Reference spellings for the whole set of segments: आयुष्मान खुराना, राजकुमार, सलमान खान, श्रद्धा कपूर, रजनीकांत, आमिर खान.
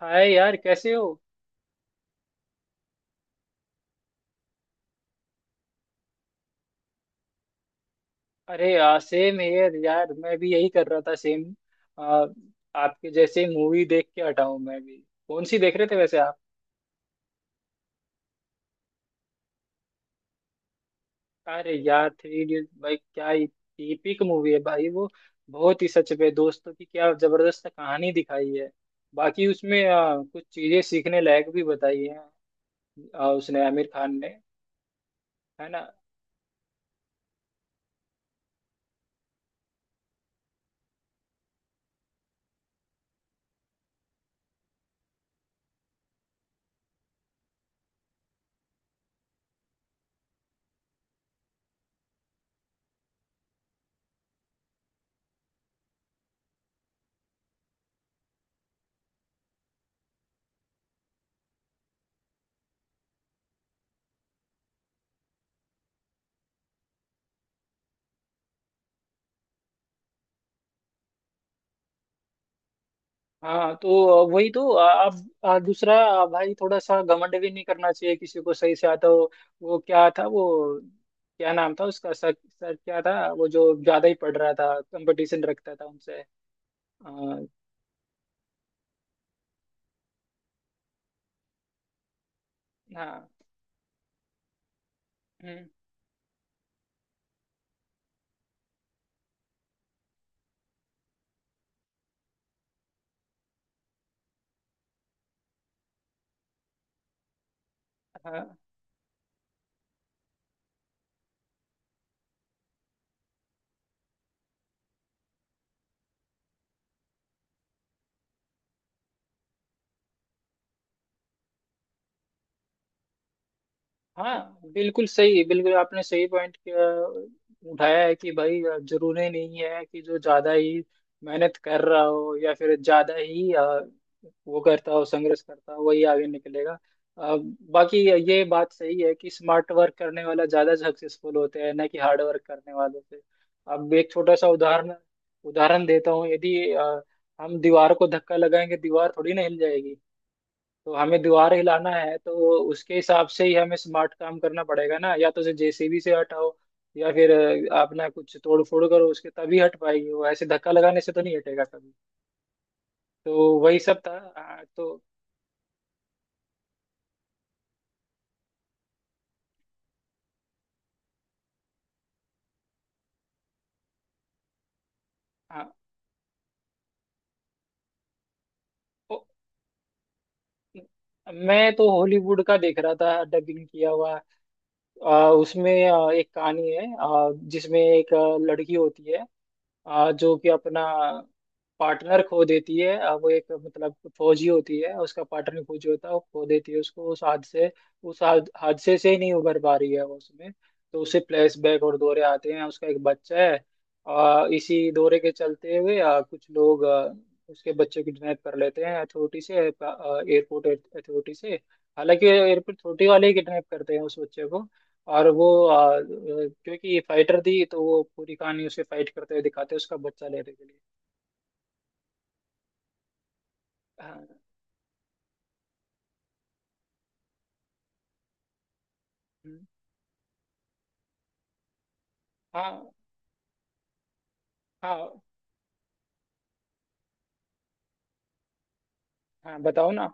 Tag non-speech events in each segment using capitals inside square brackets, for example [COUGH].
हाय यार, कैसे हो? अरे यार सेम, यार यार मैं भी यही कर रहा था, सेम। आ, आपके जैसे मूवी देख के हटा हूं मैं भी। कौन सी देख रहे थे वैसे आप? अरे यार, थ्री इडियट, भाई क्या टीपिक मूवी है भाई वो। बहुत ही सच पे दोस्तों की क्या जबरदस्त कहानी दिखाई है। बाकी उसमें कुछ चीजें सीखने लायक भी बताई है। उसने आमिर खान ने। है ना। हाँ, तो वही तो आप। दूसरा, भाई थोड़ा सा घमंड भी नहीं करना चाहिए, किसी को सही से आता हो। वो क्या था वो? क्या नाम था उसका, सर? सर क्या था वो, जो ज्यादा ही पढ़ रहा था, कंपटीशन रखता था उनसे? आ, हाँ, हम्म, हाँ, हाँ। बिल्कुल सही, बिल्कुल आपने सही पॉइंट उठाया है कि भाई, जरूरी नहीं है कि जो ज्यादा ही मेहनत कर रहा हो या फिर ज्यादा ही वो करता हो, संघर्ष करता हो, वही आगे निकलेगा। अ, बाकी ये बात सही है कि स्मार्ट वर्क करने वाला ज्यादा सक्सेसफुल होते हैं, ना कि हार्ड वर्क करने वालों से। अब एक छोटा सा उदाहरण उदाहरण देता हूँ। यदि हम दीवार को धक्का लगाएंगे, दीवार थोड़ी ना हिल जाएगी। तो हमें दीवार हिलाना है, तो उसके हिसाब से ही हमें स्मार्ट काम करना पड़ेगा ना। या तो उसे जेसीबी से हटाओ, या फिर आप ना कुछ तोड़ फोड़ करो उसके, तभी हट पाएगी वो। ऐसे धक्का लगाने से तो नहीं हटेगा कभी। तो वही सब था तो। हाँ। ओ, मैं तो हॉलीवुड का देख रहा था, डबिंग किया हुआ। उसमें एक कहानी है, जिसमें एक लड़की होती है, जो कि अपना पार्टनर खो देती है। वो एक मतलब फौजी होती है, उसका पार्टनर फौजी होता है, वो खो देती है उसको। उस हादसे उस हाद- हादसे से ही नहीं उभर पा रही है वो उसमें। तो उसे फ्लैशबैक और दौरे आते हैं, उसका एक बच्चा है। इसी दौरे के चलते हुए कुछ लोग उसके बच्चे को किडनैप कर लेते हैं अथॉरिटी से, एयरपोर्ट अथॉरिटी से। हालांकि एयरपोर्ट अथॉरिटी वाले ही किडनैप करते हैं उस बच्चे को। और वो क्योंकि ये फाइटर थी, तो वो पूरी कहानी उसे फाइट करते हुए दिखाते हैं, उसका बच्चा लेने के लिए। हाँ, हम्म, हाँ, हाँ। हाँ, बताओ ना।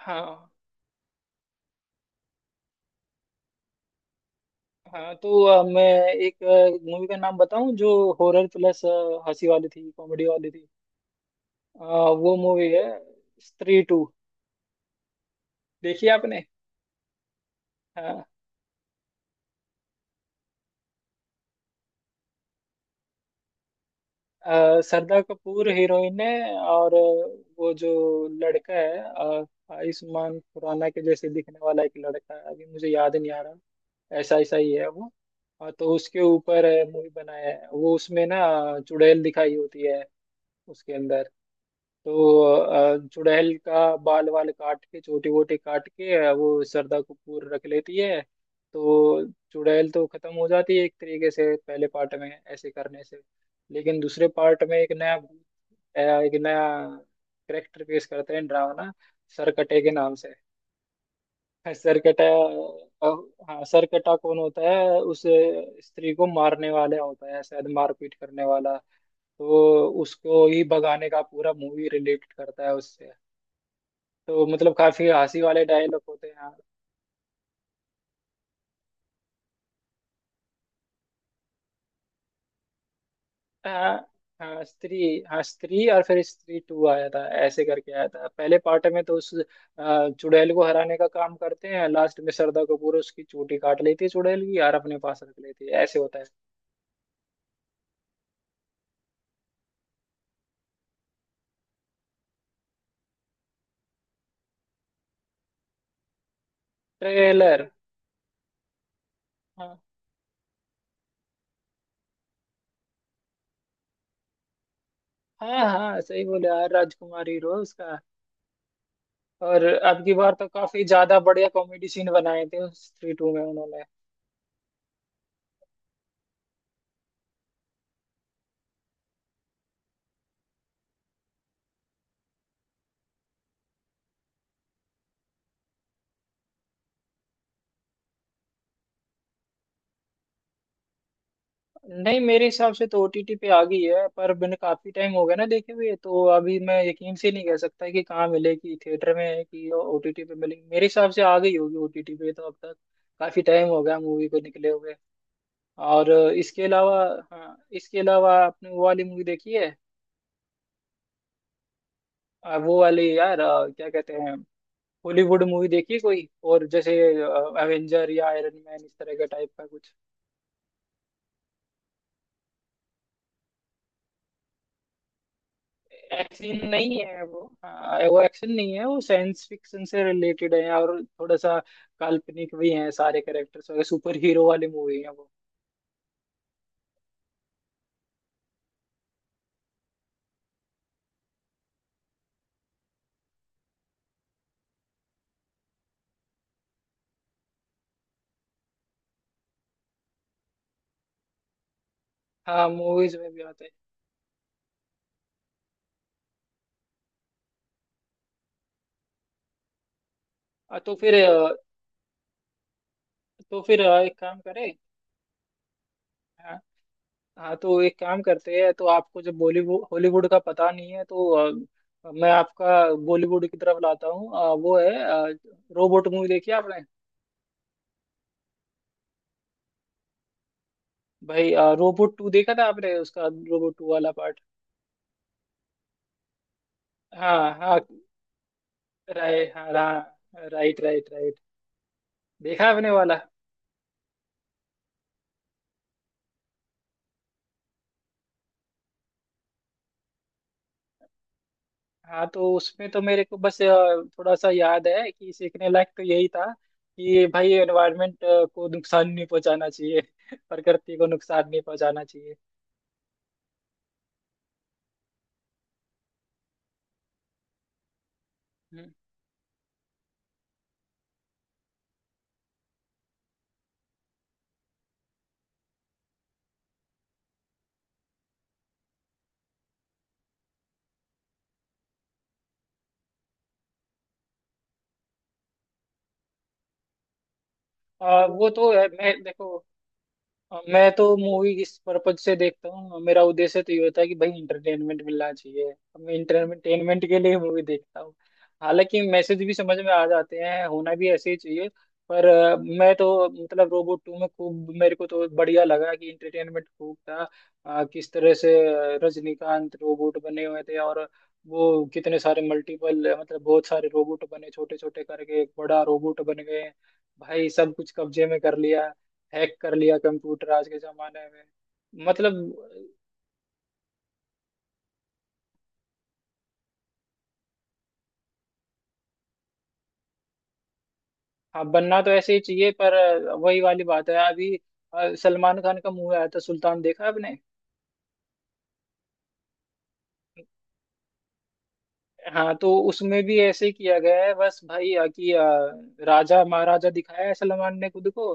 हाँ, हाँ, तो मैं एक मूवी का नाम बताऊं, जो हॉरर प्लस हंसी वाली थी, कॉमेडी वाली थी? आ, वो मूवी है स्त्री टू। देखी आपने? हाँ। श्रद्धा कपूर हीरोइन है, और वो जो लड़का है, आयुष्मान खुराना के जैसे दिखने वाला एक लड़का है, अभी मुझे याद नहीं आ रहा। ऐसा ऐसा ही है वो। हाँ, तो उसके ऊपर मूवी बनाया है वो। उसमें ना चुड़ैल दिखाई होती है उसके अंदर। तो चुड़ैल का बाल वाल काट के, छोटी वोटी काट के, वो श्रद्धा कपूर रख लेती है। तो चुड़ैल तो खत्म हो जाती है एक तरीके से, पहले पार्ट में ऐसे करने से। लेकिन दूसरे पार्ट में एक नया भूत, एक नया करेक्टर पेश करते हैं, डरावना, सरकटे के नाम से। सरकटा। हाँ, सरकटा कौन होता है? उस स्त्री को मारने वाला होता है, शायद मारपीट करने वाला। तो उसको ही भगाने का पूरा मूवी रिलेट करता है उससे। तो मतलब काफी हंसी वाले डायलॉग होते हैं। हाँ, हाँ, स्त्री, हाँ स्त्री, और फिर स्त्री टू आया था, ऐसे करके आया था। पहले पार्ट में तो उस चुड़ैल को हराने का काम करते हैं। लास्ट में श्रद्धा कपूर उसकी चोटी काट लेती है, चुड़ैल की, यार, अपने पास रख लेती है, ऐसे होता है। ट्रेलर। हाँ, हाँ, सही बोले, यार राजकुमार हीरो है उसका। और अब की बार तो काफी ज्यादा बढ़िया कॉमेडी सीन बनाए थे उस थ्री टू में उन्होंने। नहीं, मेरे हिसाब से तो ओटीटी पे आ गई है, पर मैंने काफी टाइम हो गया ना देखे हुए, तो अभी मैं यकीन से नहीं कह सकता कि कहाँ मिलेगी, थिएटर में है कि ओटीटी पे मिलेगी। मेरे हिसाब से आ गई होगी ओटीटी पे तो अब तक। काफी टाइम हो गया मूवी को निकले हुए। और इसके अलावा, हाँ, इसके अलावा आपने वो वाली मूवी देखी है? वो वाली, यार, क्या कहते हैं, हॉलीवुड मूवी देखी कोई और, जैसे एवेंजर या आयरन मैन, इस तरह का टाइप का कुछ? एक्शन नहीं है वो। हाँ, वो एक्शन नहीं है, वो साइंस फिक्शन से रिलेटेड है, और थोड़ा सा काल्पनिक भी है। सारे कैरेक्टर्स वगैरह, सुपर हीरो वाली मूवी है वो। हाँ, मूवीज में भी आते हैं। हाँ, तो फिर एक काम करें। हाँ, हाँ, तो एक काम करते हैं। तो आपको जब बॉलीवुड, हॉलीवुड का पता नहीं है, तो मैं आपका बॉलीवुड की तरफ लाता हूँ। वो है, रोबोट मूवी देखी आपने? भाई, रोबोट टू देखा था आपने, उसका रोबोट टू वाला पार्ट? हाँ, हाँ, राय हाँ, राइट, राइट, राइट। देखा आपने वाला? हाँ, तो उसमें तो मेरे को बस थोड़ा सा याद है कि सीखने लायक तो यही था कि भाई एनवायरनमेंट को नुकसान नहीं पहुंचाना चाहिए। [LAUGHS] प्रकृति को नुकसान नहीं पहुंचाना चाहिए। हम्म। और वो तो है, मैं देखो, अब मैं तो मूवी इस पर्पज से देखता हूँ, मेरा उद्देश्य तो ये होता है कि भाई इंटरटेनमेंट मिलना चाहिए। अब मैं इंटरटेनमेंट के लिए मूवी देखता हूँ। हालांकि मैसेज भी समझ में आ जाते हैं, होना भी ऐसे ही चाहिए। पर मैं तो मतलब रोबोट टू में खूब, मेरे को तो बढ़िया लगा कि इंटरटेनमेंट खूब था। किस तरह से, रजनीकांत रोबोट बने हुए थे, और वो कितने सारे मल्टीपल मतलब बहुत सारे रोबोट बने छोटे छोटे करके, एक बड़ा रोबोट बन गए। भाई सब कुछ कब्जे में कर लिया, हैक कर लिया कंप्यूटर, आज के जमाने में, मतलब। हाँ, बनना तो ऐसे ही चाहिए, पर वही वाली बात है अभी। सलमान खान का मूवी आया था, सुल्तान, देखा आपने? हाँ, तो उसमें भी ऐसे ही किया गया है, बस भाई कि राजा महाराजा दिखाया है सलमान ने खुद को।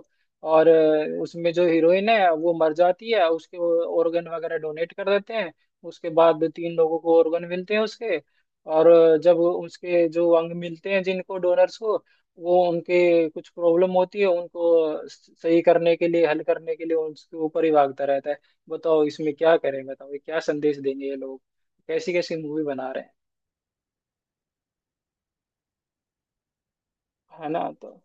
और उसमें जो हीरोइन है, वो मर जाती है, उसके ऑर्गन वगैरह डोनेट कर देते हैं। उसके बाद तीन लोगों को ऑर्गन मिलते हैं उसके। और जब उसके जो अंग मिलते हैं, जिनको डोनर्स को, वो उनके कुछ प्रॉब्लम होती है, उनको सही करने के लिए, हल करने के लिए उसके ऊपर ही भागता रहता है। बताओ, इसमें क्या करें? बताओ, ये क्या संदेश देंगे ये लोग? कैसी कैसी मूवी बना रहे हैं? है ना? तो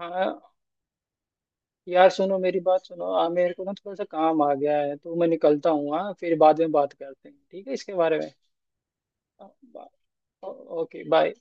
हाँ, यार, सुनो, मेरी बात सुनो, मेरे को ना थोड़ा सा काम आ गया है, तो मैं निकलता हूँ। हाँ, फिर बाद में बात करते हैं, ठीक है, इसके बारे में। ओ- ओके, बाय।